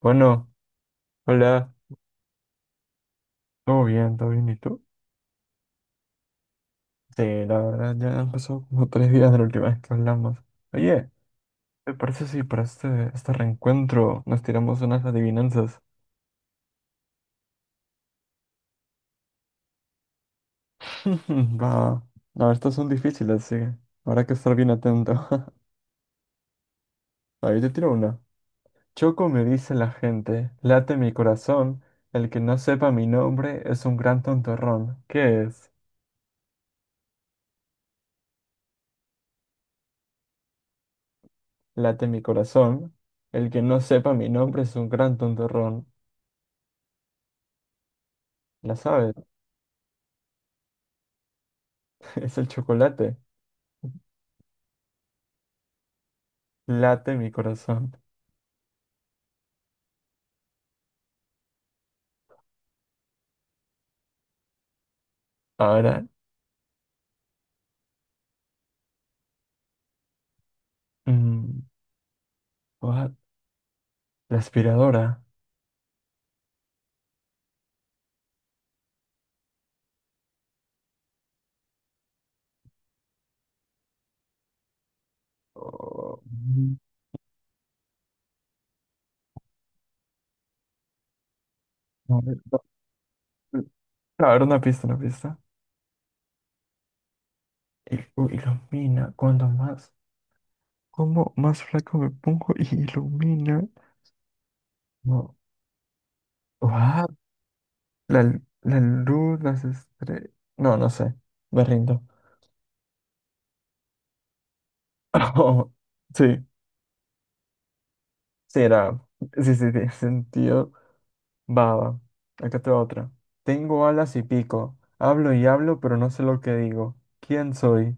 Bueno, hola, todo bien, ¿y tú? Sí, la verdad ya han pasado como tres días de la última vez que hablamos. Oye, ¿te parece si para este reencuentro nos tiramos unas adivinanzas? Va, no, estas son difíciles, sí, habrá que estar bien atento. Ahí te tiro una. Choco me dice la gente, late mi corazón, el que no sepa mi nombre es un gran tontorrón. ¿Qué es? Late mi corazón, el que no sepa mi nombre es un gran tontorrón. ¿La sabes? Es el chocolate. Late mi corazón. Ahora, mm, what? La aspiradora. Oh, mm, a ver, no, mm, a ver, una pista, una pista. Ilumina. Cuando más, como más flaco me pongo y ilumina. No, what? La luz, las estrellas. No, no sé. Me rindo. Sí, sí era. Sí, sí, tiene sentido. Baba, acá te va otra. Tengo alas y pico. Hablo y hablo, pero no sé lo que digo. ¿Quién soy?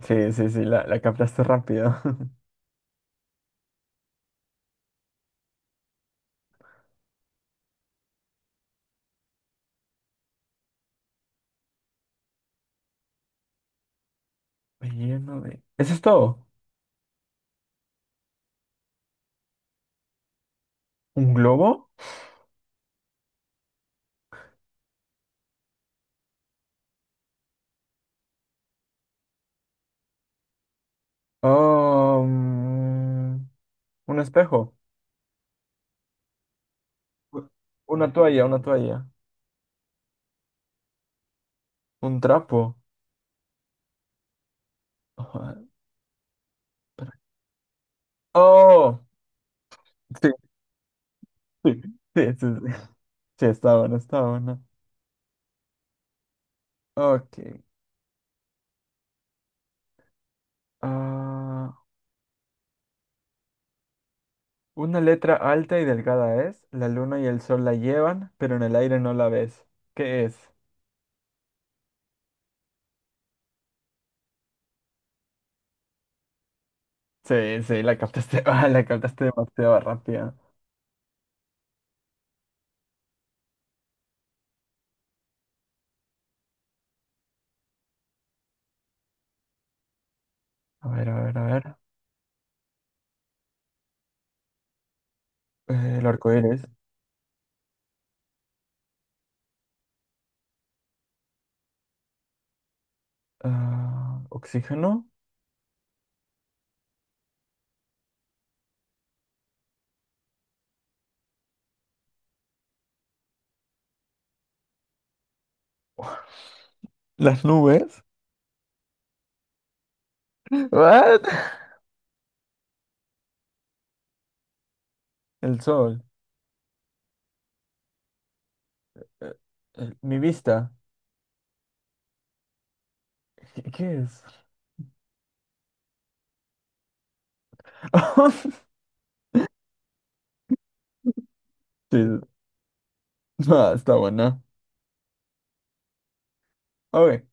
Sí, sí, sí, la captaste rápido. Me lleno de... ¿Eso es todo? ¿Un globo? Oh, mm, un espejo. U- Una toalla, una toalla. Un trapo. Ah, espera. Oh, sí, sí, sí, sí, sí. Sí, está bueno, está bueno. Ok. Ah, una letra alta y delgada es, la luna y el sol la llevan, pero en el aire no la ves. ¿Qué es? Sí, sí, la captaste, ah, la captaste demasiado rápida. A ver, a ver, a ver. El arco iris. Ah, ¿oxígeno? ¿Las nubes? What? El sol. Eh, mi vista. ¿Qué, qué es? Sí, ah, está buena. Ok,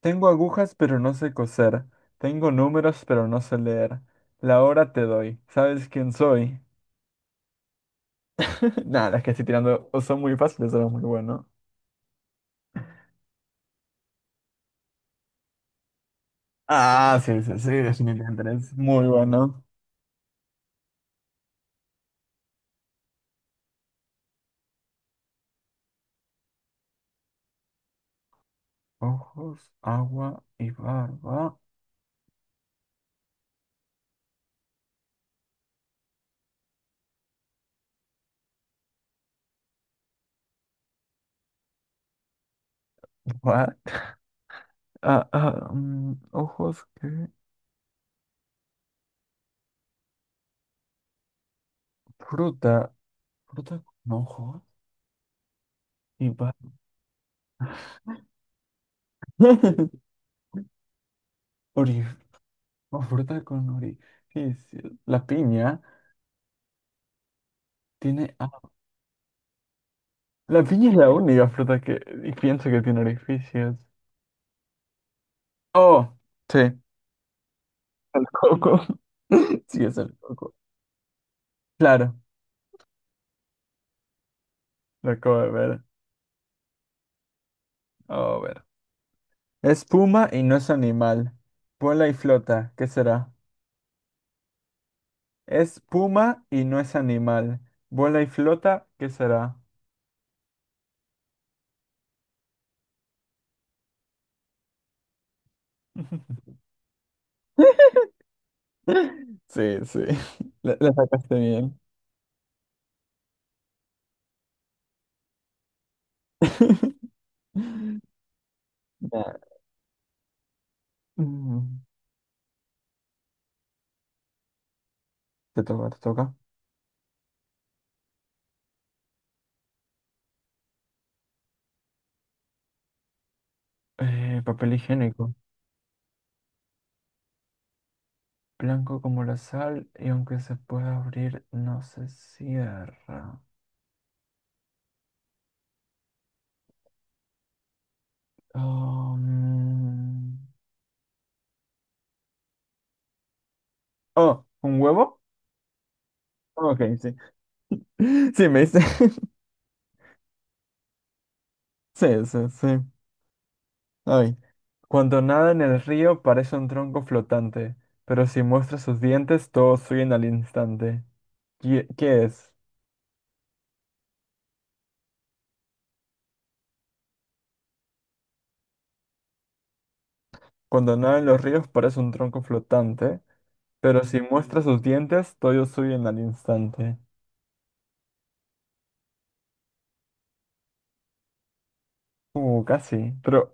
tengo agujas, pero no sé coser. Tengo números, pero no sé leer. La hora te doy. ¿Sabes quién soy? Nada, es que estoy tirando. O son muy fáciles, son muy bueno. Ah, sí, sí, sí, definitivamente es muy bueno. Ojos, agua y barba. What? Ah, ah, mm, ojos, ¿qué? Fruta. Fruta con ojos y barba. Ori- o fruta con orificio. La piña tiene. La piña es la única fruta que y pienso que tiene orificios. Oh, sí, el coco. Sí, es el coco. Claro, lo acabo de ver. Oh, a ver. Es puma y no es animal. Vuela y flota, ¿qué será? Es puma y no es animal. Vuela y flota, ¿qué será? Sí, sí. La sacaste bien. Nah. Mm, te toca, te toca. Papel higiénico. Blanco como la sal y aunque se pueda abrir, no se cierra. Oh, mm. Oh, ¿un huevo? Oh, ok, sí. Sí, me dice. Sí, sí, sí. Ay. Cuando nada en el río parece un tronco flotante, pero si muestra sus dientes todos huyen al instante. ¿Qué, qué es? Cuando nada en los ríos parece un tronco flotante, pero si muestra sus dientes todos huyen al instante. Casi. Pero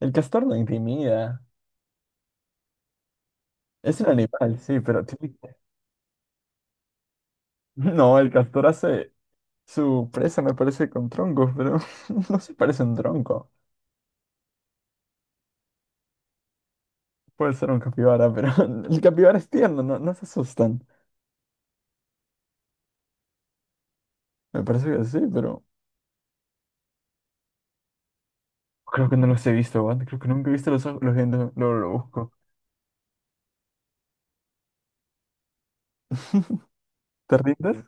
el castor no intimida. Es un animal, sí, pero tiene... No, el castor hace su presa, me parece, con troncos, pero no se parece a un tronco. Puede ser un capibara, pero el capibara es tierno, no, no se asustan. Me parece que sí, pero creo que no los he visto, Juan. Creo que nunca he visto los ojos, los dientes, luego lo busco. ¿Te rindes?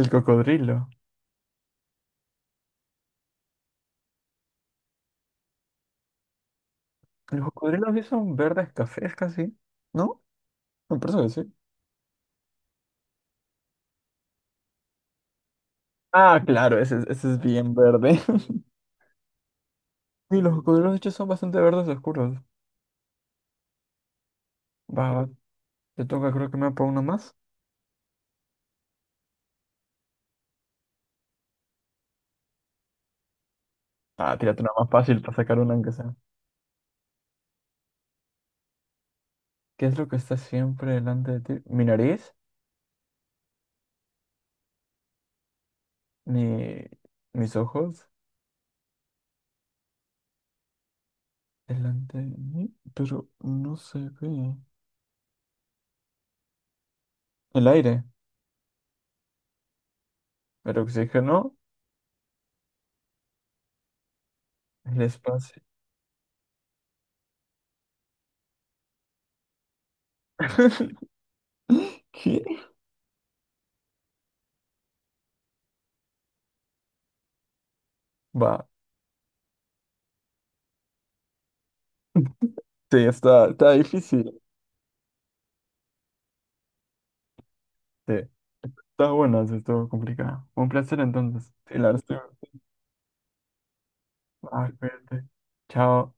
El cocodrilo. Los cocodrilos sí son verdes cafés casi, ¿no? Me parece que sí. Ah, claro, ese, ese es bien verde. Y los cocodrilos de hecho son bastante verdes oscuros. Va, va, te toca, creo que me apago uno más. Ah, tírate una más fácil para sacar una aunque sea. ¿Qué es lo que está siempre delante de ti? Mi nariz, ni mis ojos, delante de mí, pero no se ve. El aire, el oxígeno, el espacio. ¿Qué? Va. Sí, está, está difícil. Sí. Está buena, sí, estuvo complicada. Un placer entonces. Sí, la verdad estuvo- Ah, cuídate. Chao.